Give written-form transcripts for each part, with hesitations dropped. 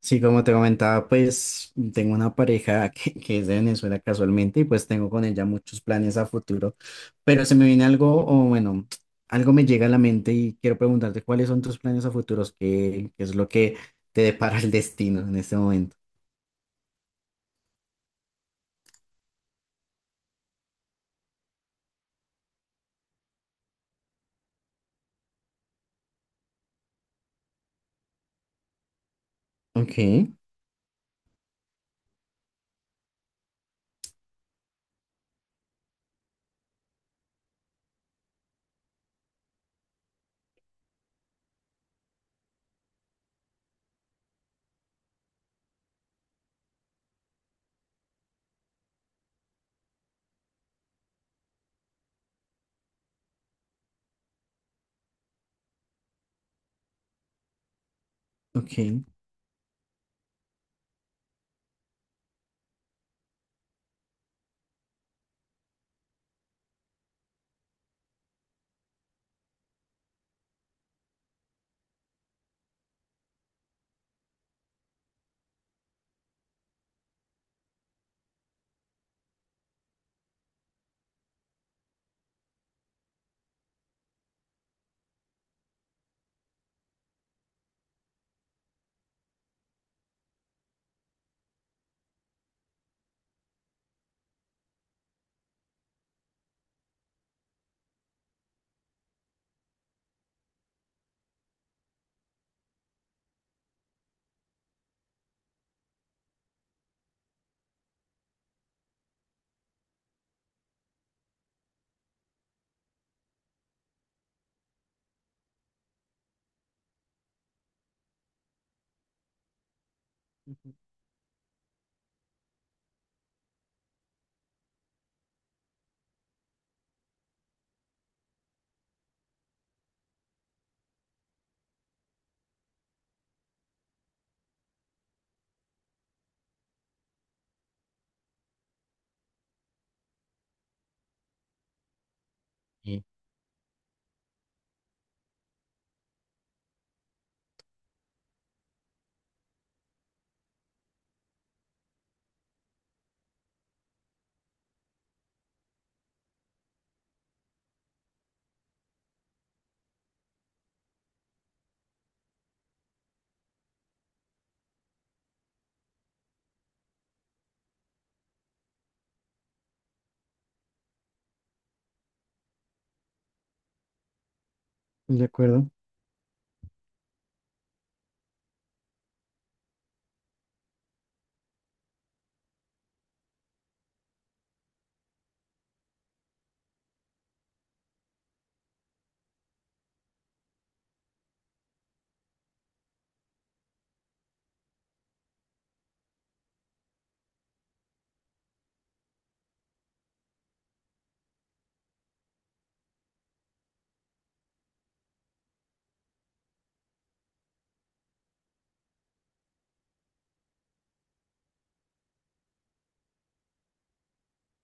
Sí, como te comentaba, pues tengo una pareja que es de Venezuela casualmente y pues tengo con ella muchos planes a futuro, pero se me viene algo, o bueno, algo me llega a la mente y quiero preguntarte cuáles son tus planes a futuros, qué es lo que te depara el destino en este momento. Ok, ok, sí, de acuerdo.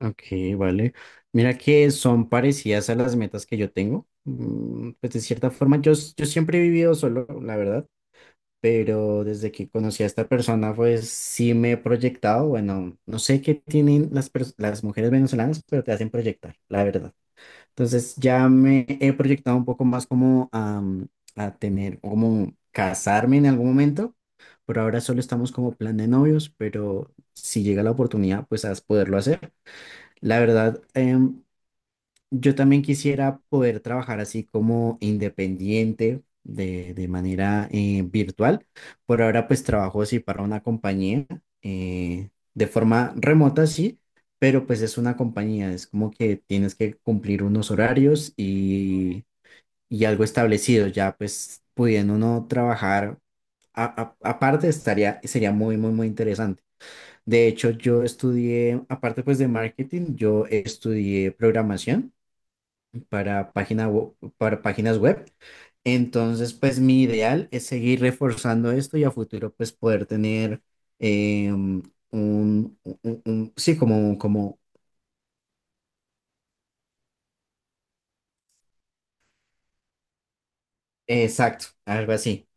Ok, vale. Mira que son parecidas a las metas que yo tengo. Pues de cierta forma, yo siempre he vivido solo, la verdad. Pero desde que conocí a esta persona, pues sí me he proyectado. Bueno, no sé qué tienen las mujeres venezolanas, pero te hacen proyectar, la verdad. Entonces ya me he proyectado un poco más como a tener, como casarme en algún momento. Por ahora solo estamos como plan de novios, pero si llega la oportunidad, pues a poderlo hacer. La verdad, yo también quisiera poder trabajar así como independiente de manera virtual. Por ahora pues trabajo así para una compañía de forma remota, sí, pero pues es una compañía, es como que tienes que cumplir unos horarios y algo establecido, ya pues pudiendo uno trabajar aparte estaría, sería muy, muy, muy interesante. De hecho, yo estudié, aparte pues de marketing, yo estudié programación para páginas web. Entonces, pues mi ideal es seguir reforzando esto y a futuro, pues poder tener sí, exacto, algo así,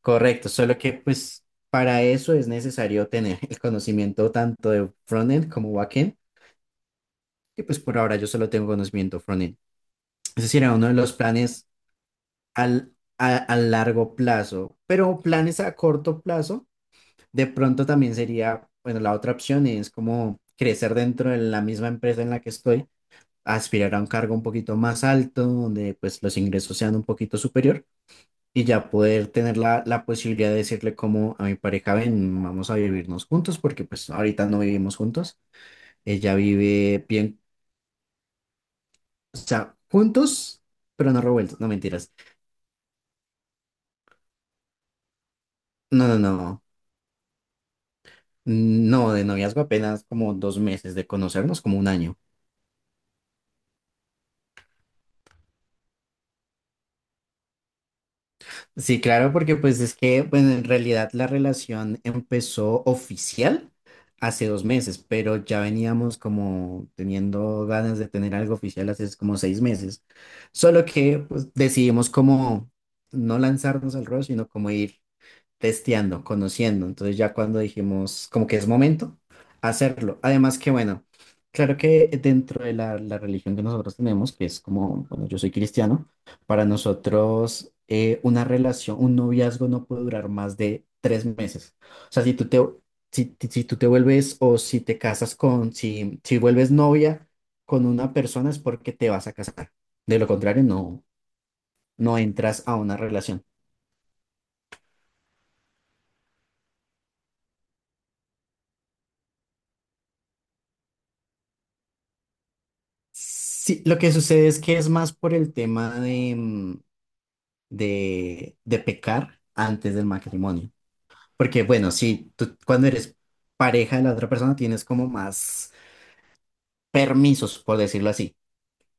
correcto. Solo que, pues, para eso es necesario tener el conocimiento tanto de frontend como backend, que pues por ahora yo solo tengo conocimiento frontend. Es decir, era uno de los planes a largo plazo, pero planes a corto plazo. De pronto también sería, bueno, la otra opción es como crecer dentro de la misma empresa en la que estoy, aspirar a un cargo un poquito más alto, donde pues los ingresos sean un poquito superior y ya poder tener la posibilidad de decirle como a mi pareja, ven, vamos a vivirnos juntos, porque pues ahorita no vivimos juntos, ella vive bien, o sea, juntos, pero no revueltos, no mentiras. No, no, no, no, de noviazgo apenas como 2 meses de conocernos, como un año. Sí, claro, porque pues es que, bueno, en realidad la relación empezó oficial hace 2 meses, pero ya veníamos como teniendo ganas de tener algo oficial hace como 6 meses. Solo que pues, decidimos como no lanzarnos al ruedo, sino como ir testeando, conociendo. Entonces ya cuando dijimos como que es momento hacerlo. Además que bueno, claro que dentro de la religión que nosotros tenemos, que es como, bueno, yo soy cristiano, para nosotros una relación, un noviazgo no puede durar más de 3 meses. O sea, si tú te vuelves o si te casas con, si vuelves novia con una persona es porque te vas a casar. De lo contrario, no, no entras a una relación. Sí, lo que sucede es que es más por el tema de pecar antes del matrimonio. Porque bueno, si tú cuando eres pareja de la otra persona tienes como más permisos, por decirlo así.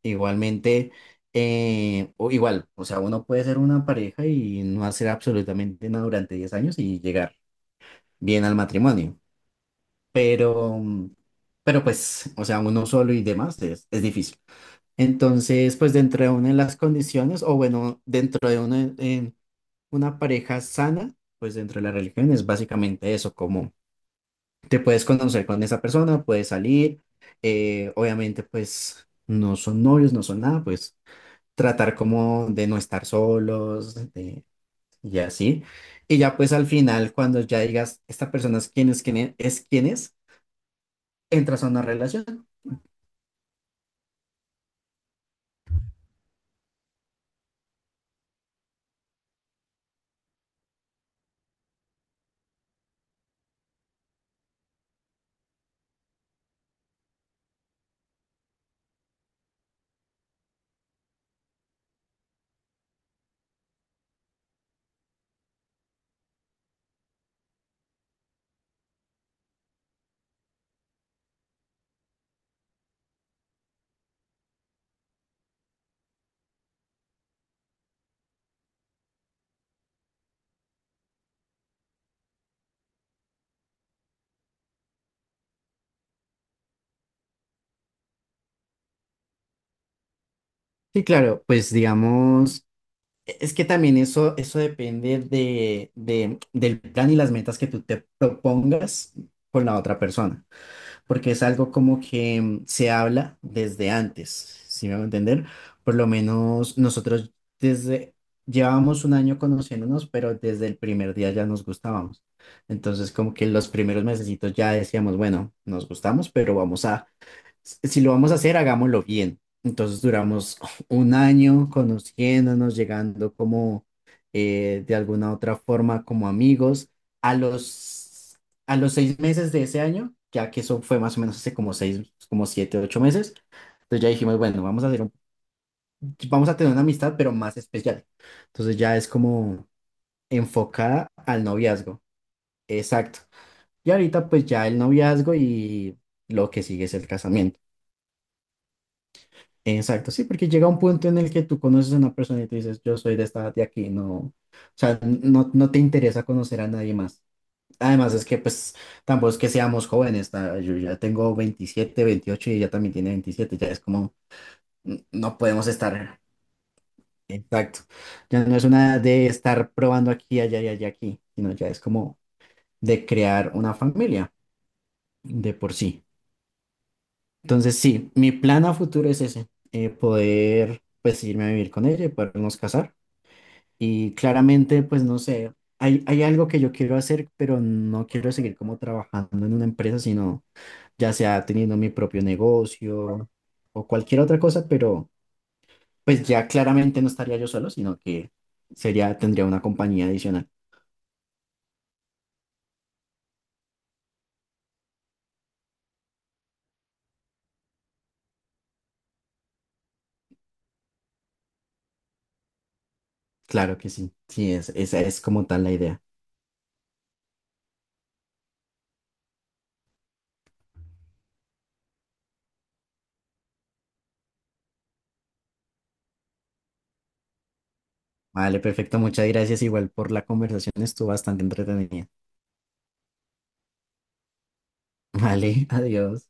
Igualmente, o igual, o sea, uno puede ser una pareja y no hacer absolutamente nada durante 10 años y llegar bien al matrimonio. Pero, mm, pero pues, o sea, uno solo y demás es difícil. Entonces, pues dentro de una de las condiciones, o bueno, dentro de una, en una pareja sana, pues dentro de la religión es básicamente eso, como te puedes conocer con esa persona, puedes salir, obviamente pues no son novios, no son nada, pues tratar como de no estar solos, y así. Y ya pues al final, cuando ya digas, esta persona es quien es, entras a una relación. Sí, claro, pues digamos. Es que también eso depende del plan y las metas que tú te propongas con la otra persona, porque es algo como que se habla desde antes, ¿si me voy a entender? Por lo menos nosotros desde, llevábamos un año conociéndonos, pero desde el primer día ya nos gustábamos. Entonces, como que los primeros mesecitos ya decíamos, bueno, nos gustamos, pero vamos a si si lo vamos a hacer, hagámoslo bien. Entonces duramos un año conociéndonos, llegando como de alguna otra forma como amigos. A los, a los 6 meses de ese año, ya que eso fue más o menos hace como 6, como 7, 8 meses, entonces ya dijimos, bueno, vamos a hacer vamos a tener una amistad, pero más especial. Entonces ya es como enfocada al noviazgo. Exacto. Y ahorita pues ya el noviazgo y lo que sigue es el casamiento. Exacto, sí, porque llega un punto en el que tú conoces a una persona y tú dices, yo soy de esta edad de aquí, no, o sea, no, no te interesa conocer a nadie más. Además es que pues tampoco es que seamos jóvenes, yo ya tengo 27, 28 y ella también tiene 27, ya es como, no podemos estar, exacto, ya no es una de estar probando aquí, allá y allá aquí, sino ya es como de crear una familia de por sí. Entonces sí, mi plan a futuro es ese, poder pues irme a vivir con ella y podernos casar. Y claramente, pues no sé, hay algo que yo quiero hacer, pero no quiero seguir como trabajando en una empresa, sino ya sea teniendo mi propio negocio o cualquier otra cosa, pero pues ya claramente no estaría yo solo, sino que sería, tendría una compañía adicional. Claro que sí, sí, esa es como tal la idea. Vale, perfecto, muchas gracias igual por la conversación, estuvo bastante entretenida. Vale, adiós.